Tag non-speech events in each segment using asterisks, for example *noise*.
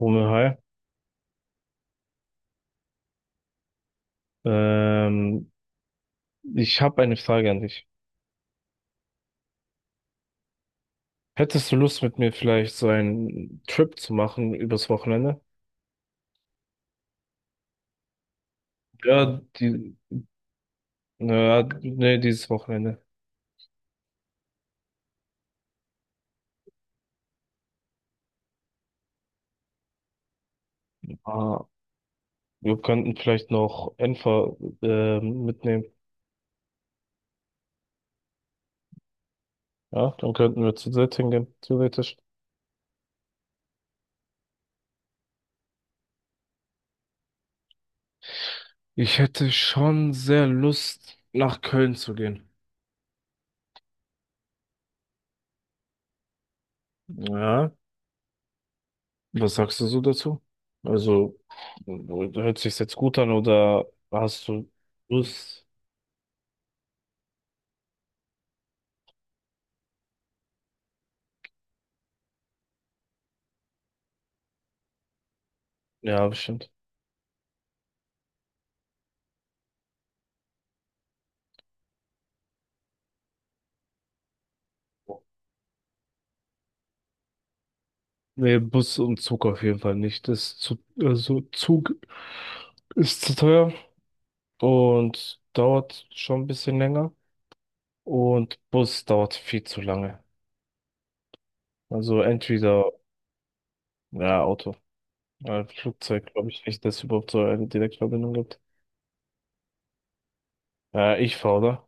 Romeo, hi. Ähm, Ich habe eine Frage an dich. Hättest du Lust, mit mir vielleicht so einen Trip zu machen übers Wochenende? Ja, die, naja, nee, dieses Wochenende. Ah, wir könnten vielleicht noch Enfer mitnehmen. Ja, dann könnten wir zu dritt hingehen, theoretisch. Ich hätte schon sehr Lust, nach Köln zu gehen. Ja, was sagst du so dazu? Also, hört sich jetzt gut an oder hast du Lust? Ja, bestimmt. Nee, Bus und Zug auf jeden Fall nicht. Das ist zu, also Zug ist zu teuer und dauert schon ein bisschen länger. Und Bus dauert viel zu lange. Also entweder, ja, Auto. Ja, Flugzeug glaube ich nicht, dass es überhaupt so eine Direktverbindung gibt. Ja, ich fahre da.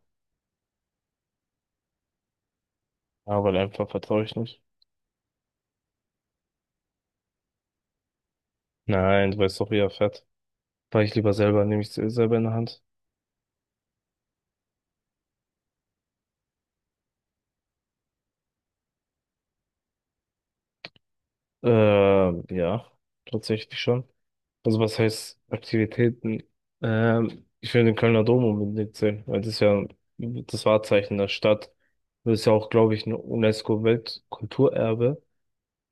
Aber einfach vertraue ich nicht. Nein, du weißt doch, wie er fährt. Fahr ich lieber selber, nehme ich selber in der Hand. Ja, tatsächlich schon. Also was heißt Aktivitäten? Ich will den Kölner Dom unbedingt sehen, weil das ist ja das Wahrzeichen der Stadt. Das ist ja auch, glaube ich, ein UNESCO-Weltkulturerbe.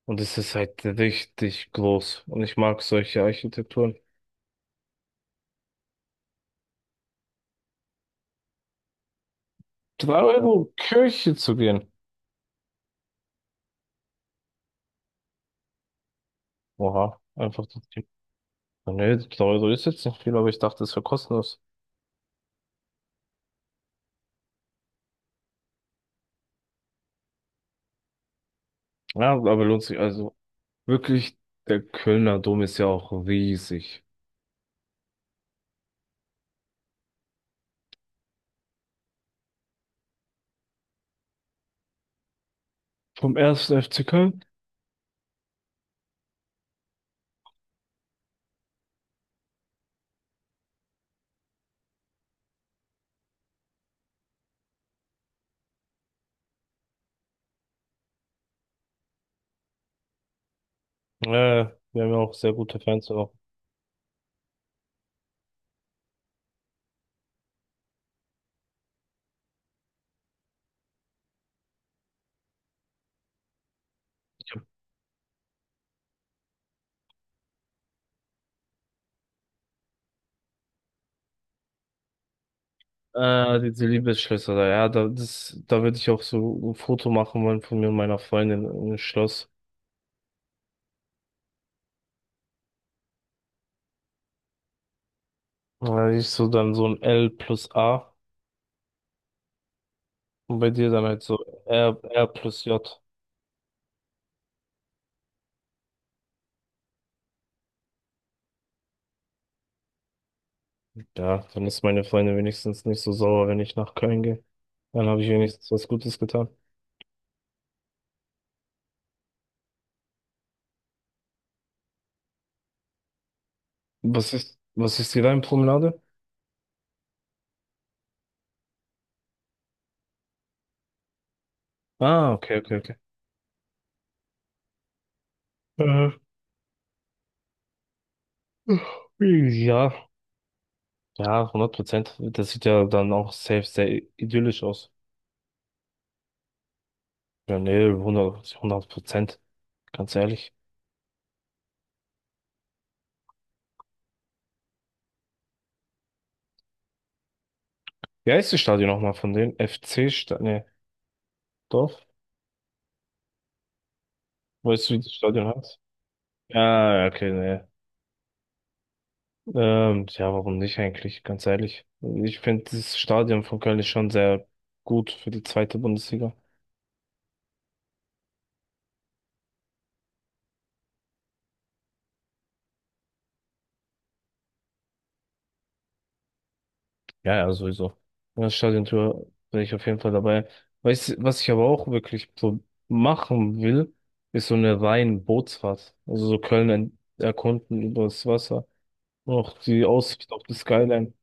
Und es ist halt richtig groß. Und ich mag solche Architekturen. 3 Euro Kirche zu gehen. Oha, einfach so viel. Nee, 3 Euro ist jetzt nicht viel, aber ich dachte, es wäre kostenlos. Ja, aber lohnt sich. Also wirklich, der Kölner Dom ist ja auch riesig. Vom ersten FC Köln. Äh, Wir haben ja auch sehr gute Fans auch. Diese Liebesschlösser da, ja, da, das, da würde ich auch so ein Foto machen wollen von mir und meiner Freundin im Schloss. Ich so dann so ein L+A und bei dir dann halt so R plus J. Ja, dann ist meine Freundin wenigstens nicht so sauer, wenn ich nach Köln gehe. Dann habe ich wenigstens was Gutes getan. Was ist die Leimpromenade? Ah, okay, okay, okay. Äh, ja, ja, 100%. Das sieht ja dann auch safe sehr idyllisch aus. Ja, nee, hundert Prozent, ganz ehrlich. Wie heißt das Stadion nochmal von denen? FC-Stadion, nee, Dorf? Weißt du, wie das Stadion heißt? Ja, ja, okay, ne. Ja, warum nicht eigentlich, ganz ehrlich. Ich finde, das Stadion von Köln ist schon sehr gut für die zweite Bundesliga. Ja, ja, sowieso. Und das Stadiontour bin ich auf jeden Fall dabei. Weißt, du, was ich aber auch wirklich so machen will, ist so eine rein Bootsfahrt. Also so Köln erkunden übers Wasser. Und auch die Aussicht auf die Skyline.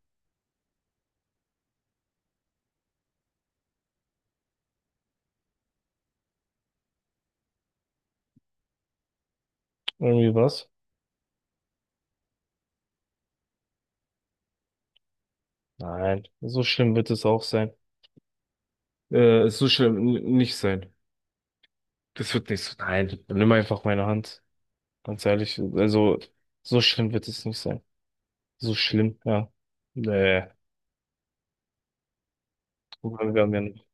Irgendwie was? Nein, so schlimm wird es auch sein. So schlimm nicht sein. Das wird nicht so. Nein, nimm einfach meine Hand. Ganz ehrlich, also so schlimm wird es nicht sein. So schlimm, ja. Nee, guck wir haben ja noch.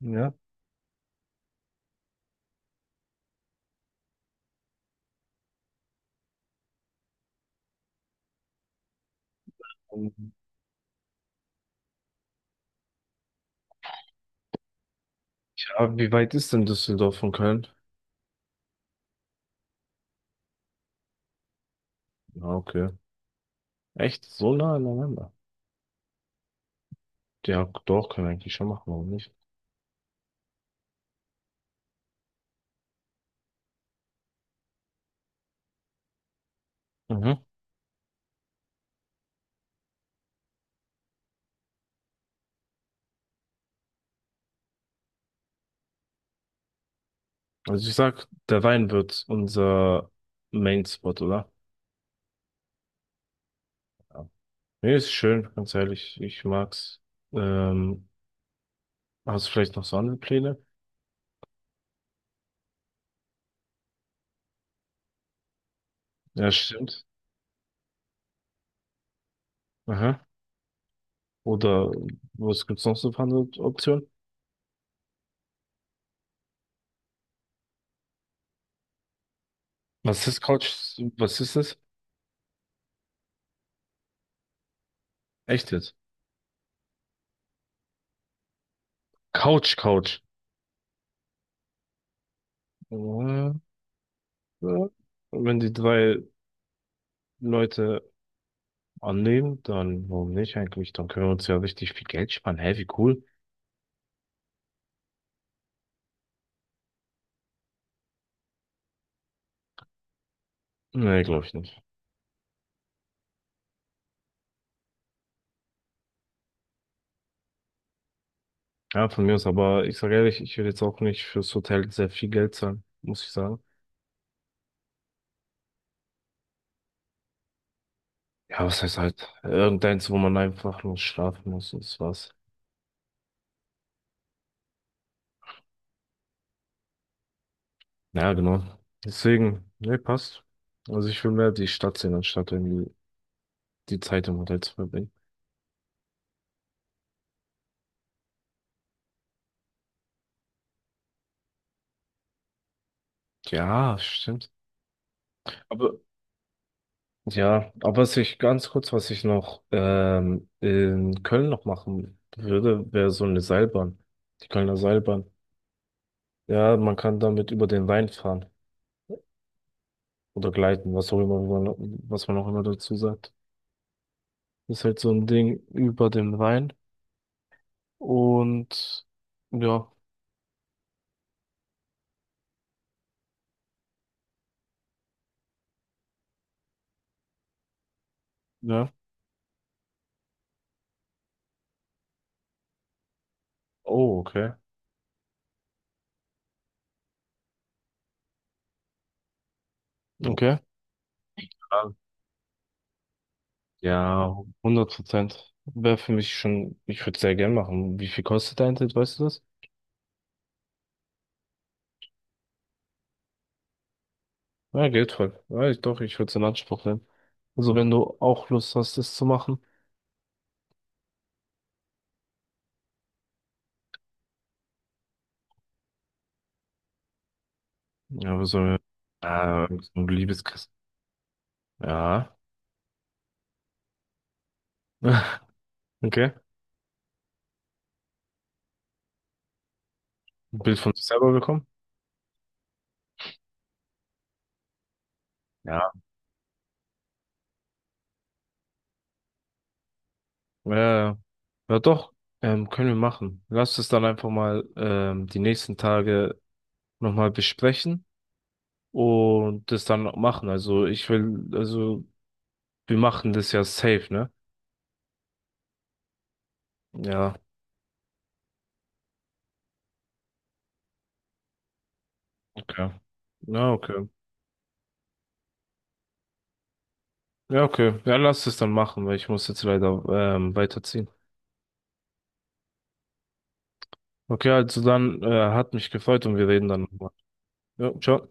Ja. Ähm, Ja, wie weit ist denn Düsseldorf von Köln? Ja, okay. Echt? So nah aneinander? Ja, doch, können wir eigentlich schon machen, warum nicht? Mhm. Also ich sag, der Wein wird unser Main-Spot, oder? Ja. Nee, ist schön, ganz ehrlich. Ich mag's. Ähm, Hast du vielleicht noch so andere Pläne? Ja, stimmt. Aha. Oder was gibt's noch so für andere Optionen? Was ist Couch? Was ist das? Echt jetzt? Couch, Couch. Ja, ja. Wenn die drei Leute annehmen, dann warum nicht eigentlich? Dann können wir uns ja richtig viel Geld sparen. Hä, wie cool? Nee, glaube ich nicht. Ja, von mir aus, aber ich sage ehrlich, ich will jetzt auch nicht fürs Hotel sehr viel Geld zahlen, muss ich sagen. Ja, was heißt halt? Irgendeins, wo man einfach nur schlafen muss und das war's. Ja, genau. Deswegen, ne, passt. Also ich will mehr die Stadt sehen, anstatt irgendwie die Zeit im Hotel zu verbringen. Ja, stimmt. Aber ja, aber was ich noch in Köln noch machen würde, wäre so eine Seilbahn. Die Kölner Seilbahn. Ja, man kann damit über den Rhein fahren oder gleiten, was auch immer, was man auch immer dazu sagt. Ist halt so ein Ding über dem Rhein. Und ja, ja. Oh, okay, okay. Ja, ja, hundert Prozent. Wäre für mich schon, ich würde sehr gern machen. Wie viel kostet dein Ticket, weißt du das? Ja, geht voll. Ja, ich, doch, ich würde es in Anspruch nehmen. Also wenn du auch Lust hast, das zu machen. Ja, aber so so ein Liebeskuss. Ja. *laughs* Okay. Ein Bild von sich selber bekommen? Ja. Ja, ja doch, können wir machen. Lass es dann einfach mal die nächsten Tage nochmal besprechen. Und das dann machen. Also ich will, also wir machen das ja safe, ne? Ja, okay. Ja, okay. Ja, okay. Ja, lass es dann machen, weil ich muss jetzt leider weiterziehen. Okay, also dann hat mich gefreut und wir reden dann nochmal. Ja, ciao.